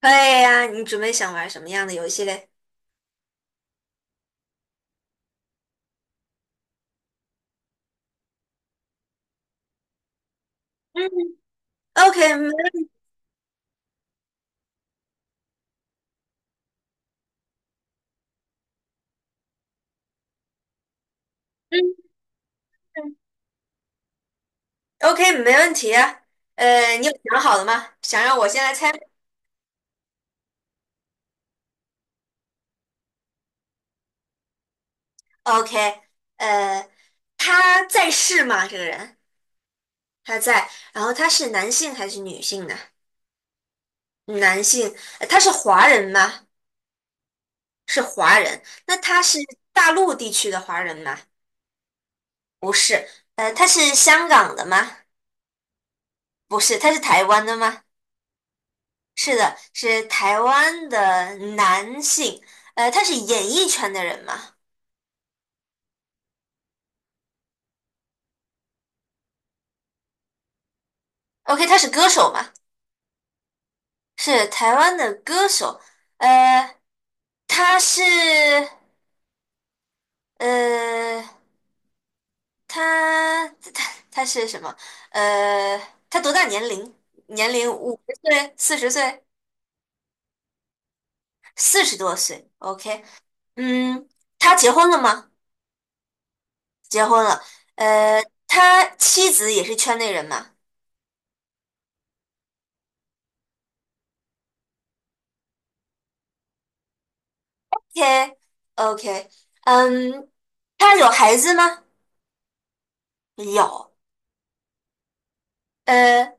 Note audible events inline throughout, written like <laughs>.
可以呀，你准备想玩什么样的游戏嘞？嗯？OK，没问题。嗯，OK，没问题啊。你有想好了吗？想让我先来猜？OK，呃，他在世吗？这个人他在，然后他是男性还是女性呢？男性，他是华人吗？是华人。那他是大陆地区的华人吗？不是。他是香港的吗？不是。他是台湾的吗？是的，是台湾的男性，他是演艺圈的人嘛？OK，他是歌手嘛？是台湾的歌手，呃，他是呃，他他是什么？呃，他多大年龄？年龄50岁、40岁、40多岁？OK，嗯，他结婚了吗？结婚了，呃，他妻子也是圈内人嘛？OK OK，嗯，他有孩子吗？有，呃，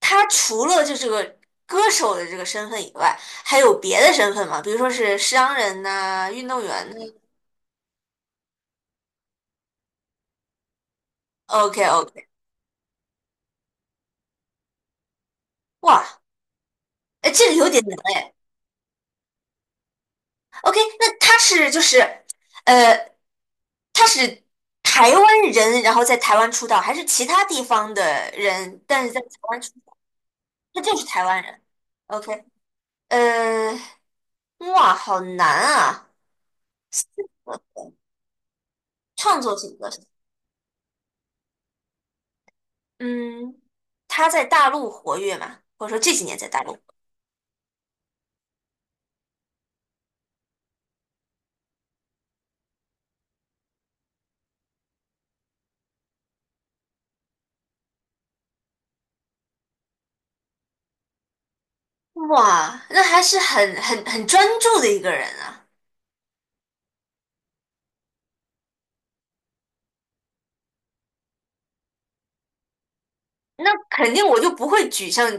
他除了就这个歌手的这个身份以外，还有别的身份吗？比如说是商人呐、运动员呐。OK OK，哇，哎，这个有点难哎。OK，那他是就是，呃，他是台湾人，然后在台湾出道，还是其他地方的人，但是在台湾出道，他就是台湾人。OK，呃，哇，好难啊。创作型歌手，嗯，他在大陆活跃嘛，或者说这几年在大陆。哇，那还是很专注的一个人啊。那肯定我就不会举像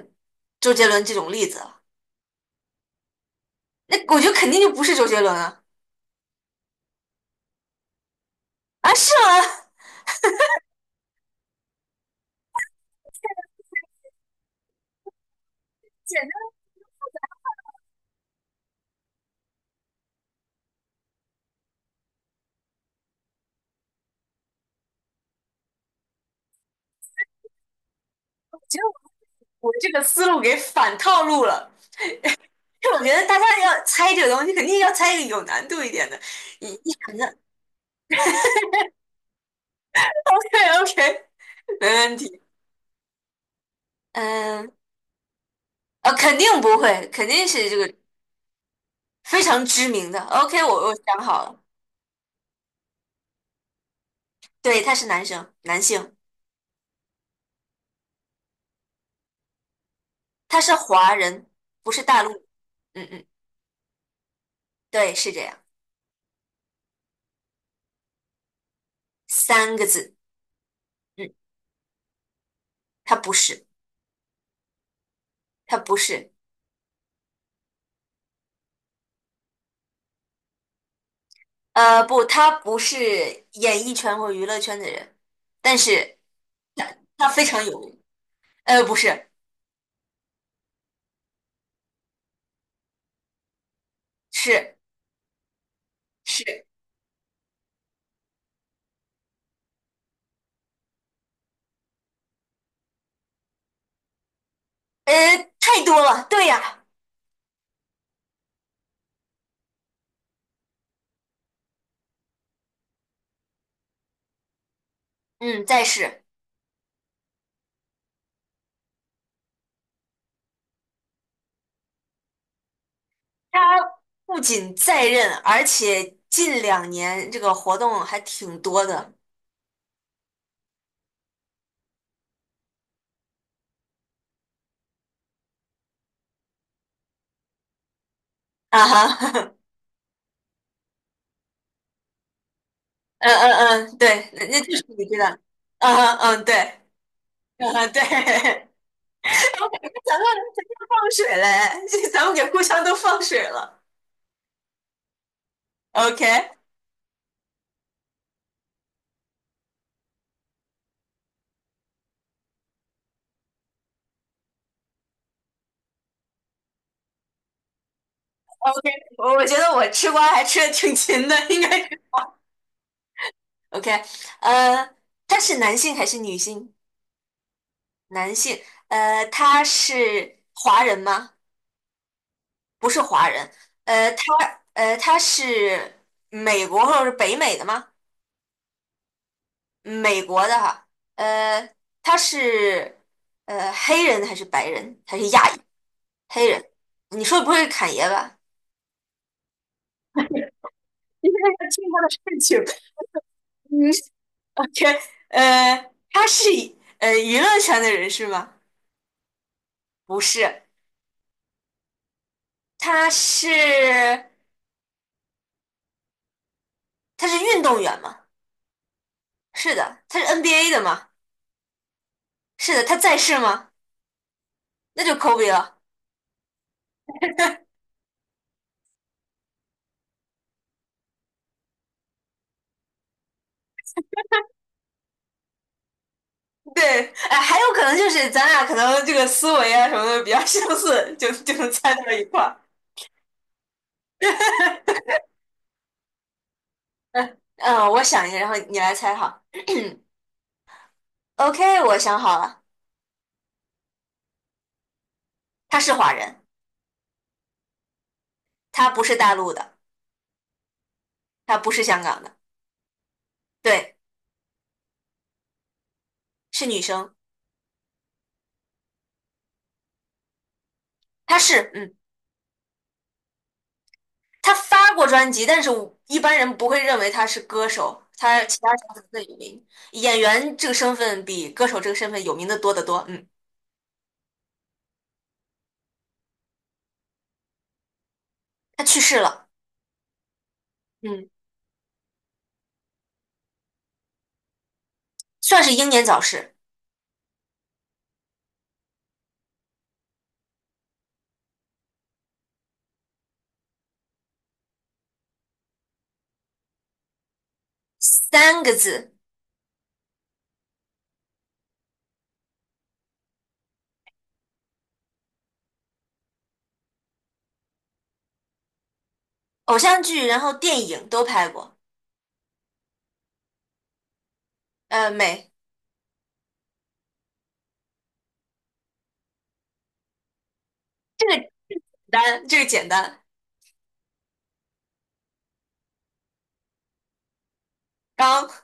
周杰伦这种例子了。那我觉得肯定就不是周杰伦啊。啊，是吗？<laughs> 我这个思路给反套路了。因为我觉得大家要猜这个东西，肯定要猜一个有难度一点的。你一想 OK OK，<laughs> 没问题。嗯，肯定不会，肯定是这个非常知名的。OK，我想好了，对，他是男生，男性，他是华人，不是大陆。嗯嗯，对，是这样，三个字。嗯，他不是，他不是，不，他不是演艺圈或娱乐圈的人，但是他非常有名。不是，是是，呃，太多了。对呀，嗯，再是他不仅在任，而且近2年这个活动还挺多的。啊哈，<laughs> 嗯嗯嗯，对，那就是你知道，嗯嗯嗯，对，嗯嗯对，<laughs> 咱们放水嘞，<laughs> 咱们给互相都放水了，OK OK，我觉得我吃瓜还吃的挺勤的，应该是 OK，呃，他是男性还是女性？男性，他是华人吗？不是华人，他是美国或者是北美的吗？美国的哈，呃，他是黑人还是白人还是亚裔？黑人，你说的不会是侃爷吧？<laughs> 因为要听他的事情，嗯，想 <laughs> 天，他是娱乐圈的人是吗？不是，他是他是运动员吗？是的，他是 NBA 的吗？是的，他在世吗？那就 Kobe 了。对，哎，还有可能就是咱俩可能这个思维啊什么的比较相似，就就能猜到一块儿。嗯嗯，我想一下，然后你来猜哈。OK，我想好了，她是华人，她不是大陆的，她不是香港的，对，是女生，她是，嗯，她发过专辑，但是我一般人不会认为她是歌手，她其他身份更有名，演员这个身份比歌手这个身份有名的多得多，嗯，她去世了，嗯，算是英年早逝，三个字，偶像剧，然后电影都拍过，美，这个简单，这个简单，刚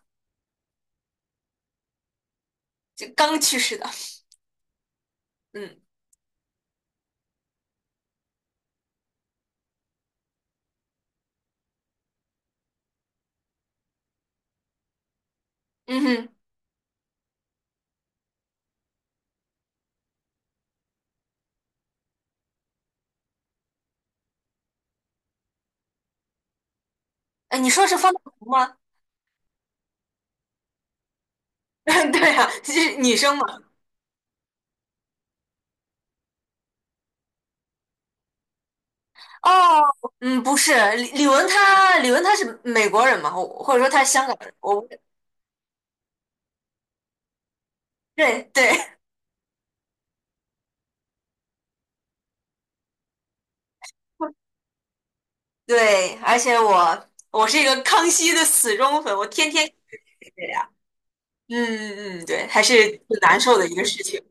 就刚去世的。嗯嗯哼，哎，你说是方大同吗？<laughs> 对啊，是女生嘛？哦，嗯，不是，李玟她是美国人嘛，我或者说她是香港人，对对 <laughs> 对，而且我是一个康熙的死忠粉，我天天对呀，嗯嗯，嗯对，还是挺难受的一个事情。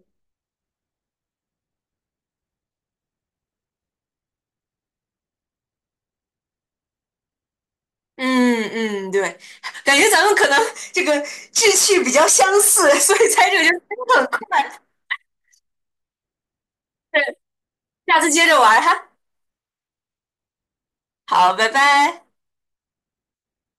嗯嗯，对，感觉咱们可能这个志趣比较相似，所以猜这个就很快。对，下次接着玩哈。好，拜拜。